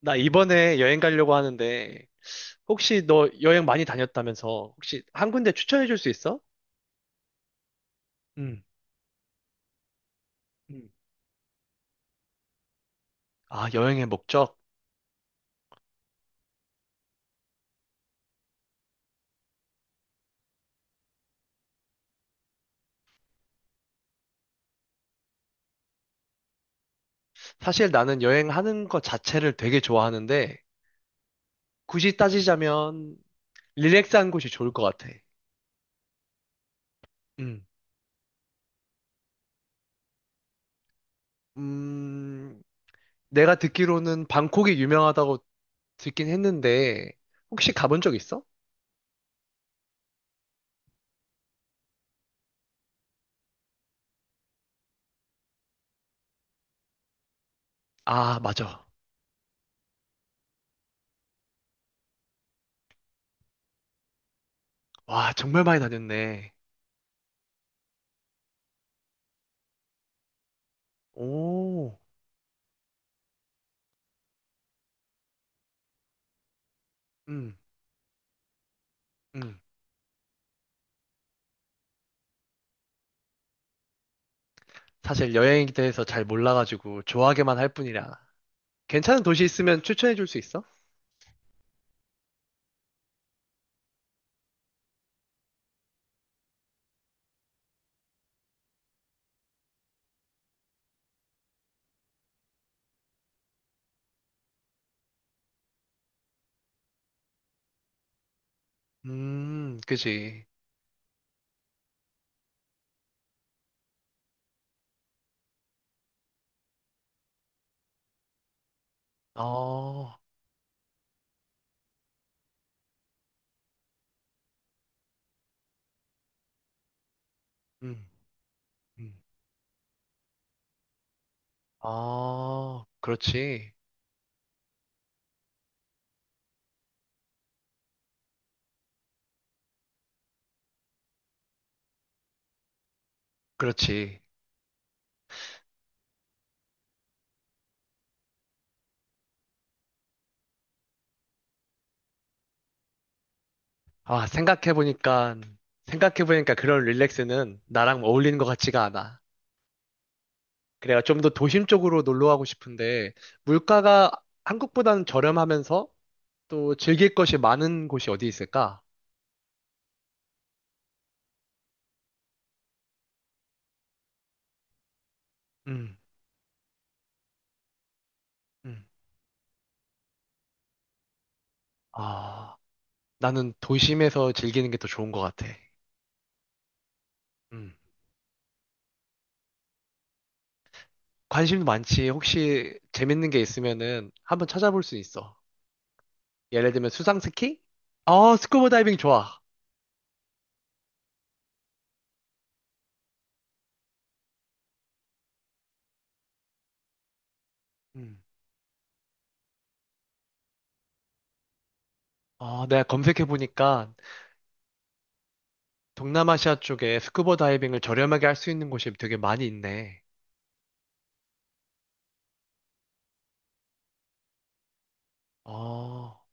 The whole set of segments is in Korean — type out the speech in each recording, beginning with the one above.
나 이번에 여행 가려고 하는데, 혹시 너 여행 많이 다녔다면서, 혹시 한 군데 추천해 줄 수 있어? 응, 응. 아, 여행의 목적? 사실 나는 여행하는 것 자체를 되게 좋아하는데, 굳이 따지자면, 릴렉스한 곳이 좋을 것 같아. 응. 음, 내가 듣기로는 방콕이 유명하다고 듣긴 했는데, 혹시 가본 적 있어? 아, 맞아. 와, 정말 많이 다녔네. 오, 응, 응. 사실 여행에 대해서 잘 몰라가지고 좋아하게만 할 뿐이라. 괜찮은 도시 있으면 추천해 줄 수 있어? 그지. 어, 음, 음. 아, 그렇지. 그렇지. 아, 생각해보니까 그런 릴렉스는 나랑 어울리는 것 같지가 않아. 그래가 좀 더 도심 쪽으로 놀러 가고 싶은데, 물가가 한국보다는 저렴하면서 또 즐길 것이 많은 곳이 어디 있을까? 음, 음. 아. 나는 도심에서 즐기는 게 더 좋은 것 같아. 음. 관심도 많지. 혹시 재밌는 게 있으면은 한번 찾아볼 수 있어. 예를 들면 수상 스키? 어, 스쿠버 다이빙 좋아. 음. 어, 내가 검색해 보니까 동남아시아 쪽에 스쿠버 다이빙을 저렴하게 할 수 있는 곳이 되게 많이 있네. 어,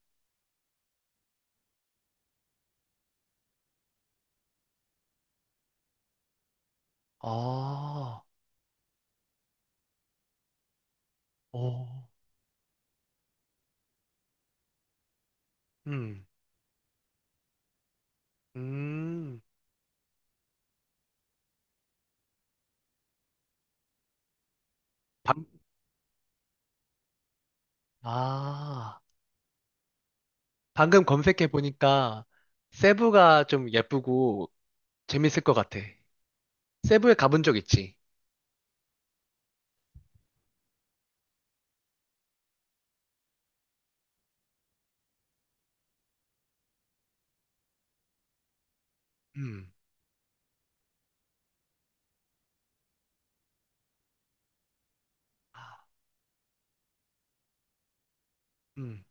어, 오, 음, 음, 방, 아, 방금 검색해 보니까 세부가 좀 예쁘고 재밌을 것 같아. 세부에 가본 적 있지? 음, 음.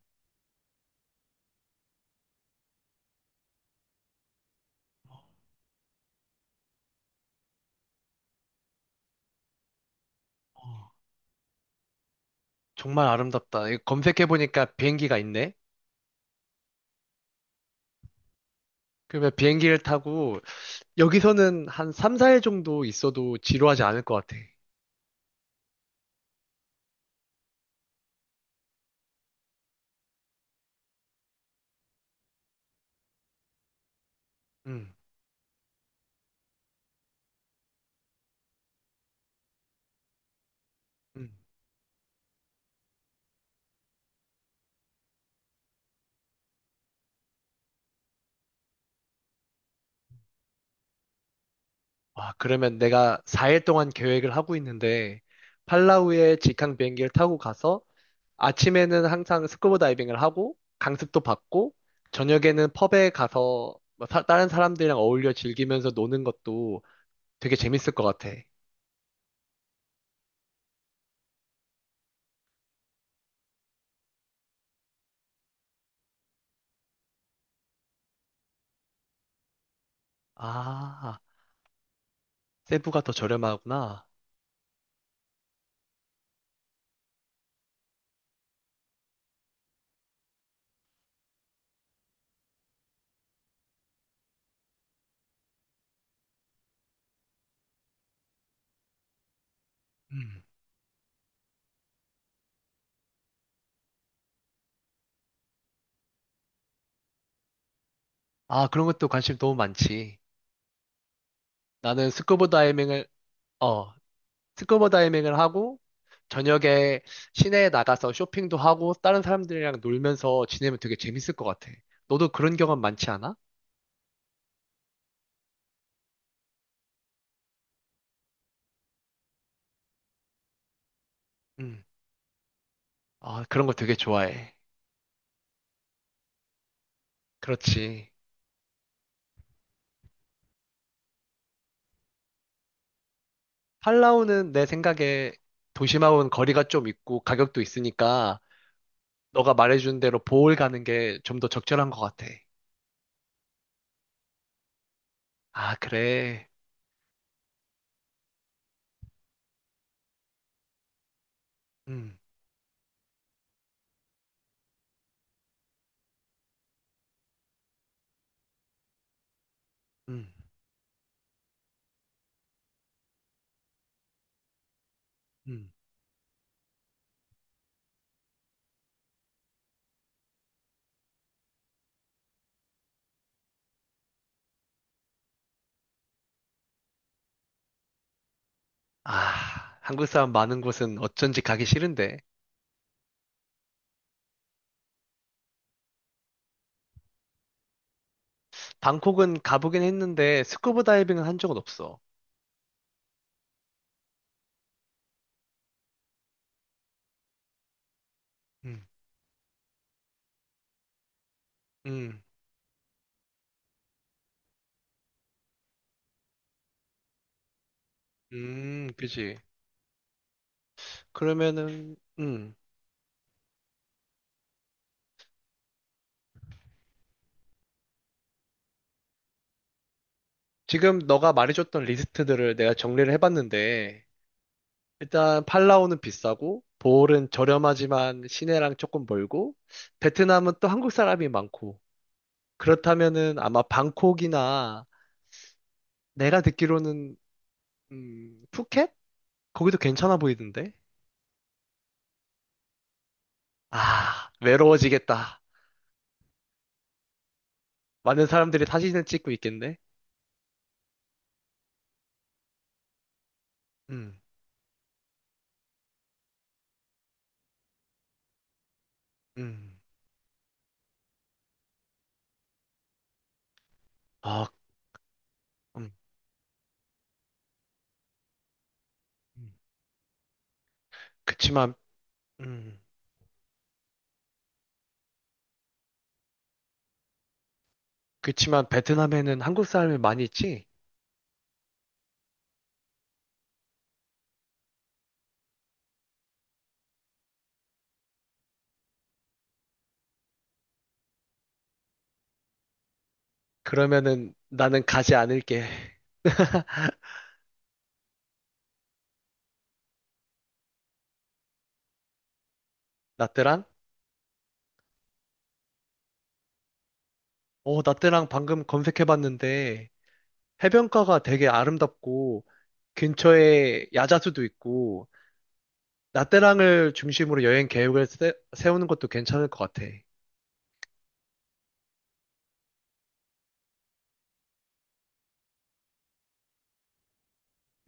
어, 정말 아름답다. 이거 검색해보니까 비행기가 있네? 그러면 비행기를 타고 여기서는 한 3, 4일 정도 있어도 지루하지 않을 것 같아. 음, 음. 와, 그러면 내가 4일 동안 계획을 하고 있는데 팔라우에 직항 비행기를 타고 가서 아침에는 항상 스쿠버 다이빙을 하고 강습도 받고 저녁에는 펍에 가서 뭐 다른 사람들이랑 어울려 즐기면서 노는 것도 되게 재밌을 것 같아. 아, 세부가 더 저렴하구나. 음. 아, 그런 것도 관심 너무 많지. 나는 어, 스쿠버 다이빙을 하고, 저녁에 시내에 나가서 쇼핑도 하고, 다른 사람들이랑 놀면서 지내면 되게 재밌을 것 같아. 너도 그런 경험 많지 않아? 음. 아, 그런 거 되게 좋아해. 그렇지. 팔라우는 내 생각에 도심하고는 거리가 좀 있고, 가격도 있으니까, 너가 말해준 대로 보홀 가는 게 좀 더 적절한 것 같아. 아, 그래. 음. 응. 음. 아, 한국 사람 많은 곳은 어쩐지 가기 싫은데. 방콕은 가보긴 했는데 스쿠버 다이빙은 한 적은 없어. 음, 음, 그지. 그러면은, 지금 너가 말해줬던 리스트들을 내가 정리를 해봤는데, 일단 팔라우는 비싸고, 보홀은 저렴하지만 시내랑 조금 멀고, 베트남은 또 한국 사람이 많고, 그렇다면은 아마 방콕이나 내가 듣기로는, 푸켓? 거기도 괜찮아 보이던데? 아, 외로워지겠다. 많은 사람들이 사진을 찍고 있겠네? 음, 음, 아, 음, 음. 그치만, 음, 그치만 베트남에는 한국 사람이 많이 있지? 그러면은 나는 가지 않을게. 나트랑? 어, 나트랑 방금 검색해봤는데 해변가가 되게 아름답고 근처에 야자수도 있고 나트랑을 중심으로 여행 계획을 세우는 것도 괜찮을 것 같아.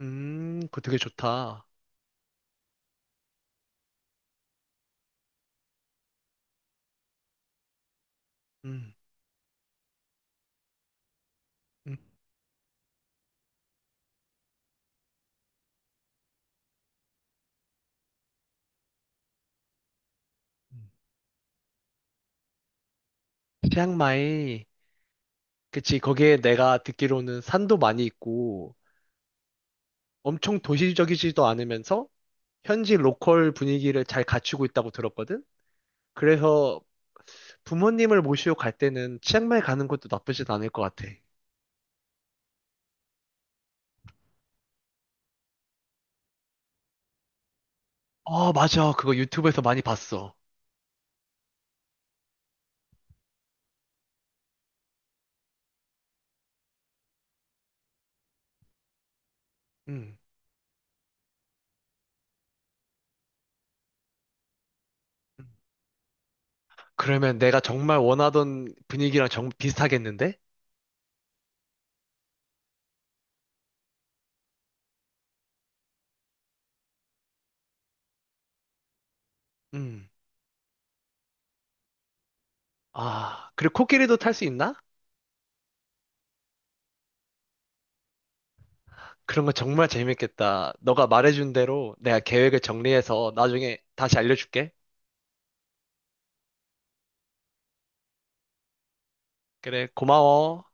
그거 되게 좋다. 음, 음. 음. 치앙마이, 그치, 거기에 내가 듣기로는 산도 많이 있고, 엄청 도시적이지도 않으면서, 현지 로컬 분위기를 잘 갖추고 있다고 들었거든? 그래서 부모님을 모시고 갈 때는 치앙마이 가는 것도 나쁘진 않을 것 같아. 아, 맞아. 그거 유튜브에서 많이 봤어. 음. 그러면 내가 정말 원하던 분위기랑 정 비슷하겠는데? 음. 아, 그리고 코끼리도 탈 수 있나? 그런 거 정말 재밌겠다. 너가 말해준 대로 내가 계획을 정리해서 나중에 다시 알려줄게. 그래, 고마워.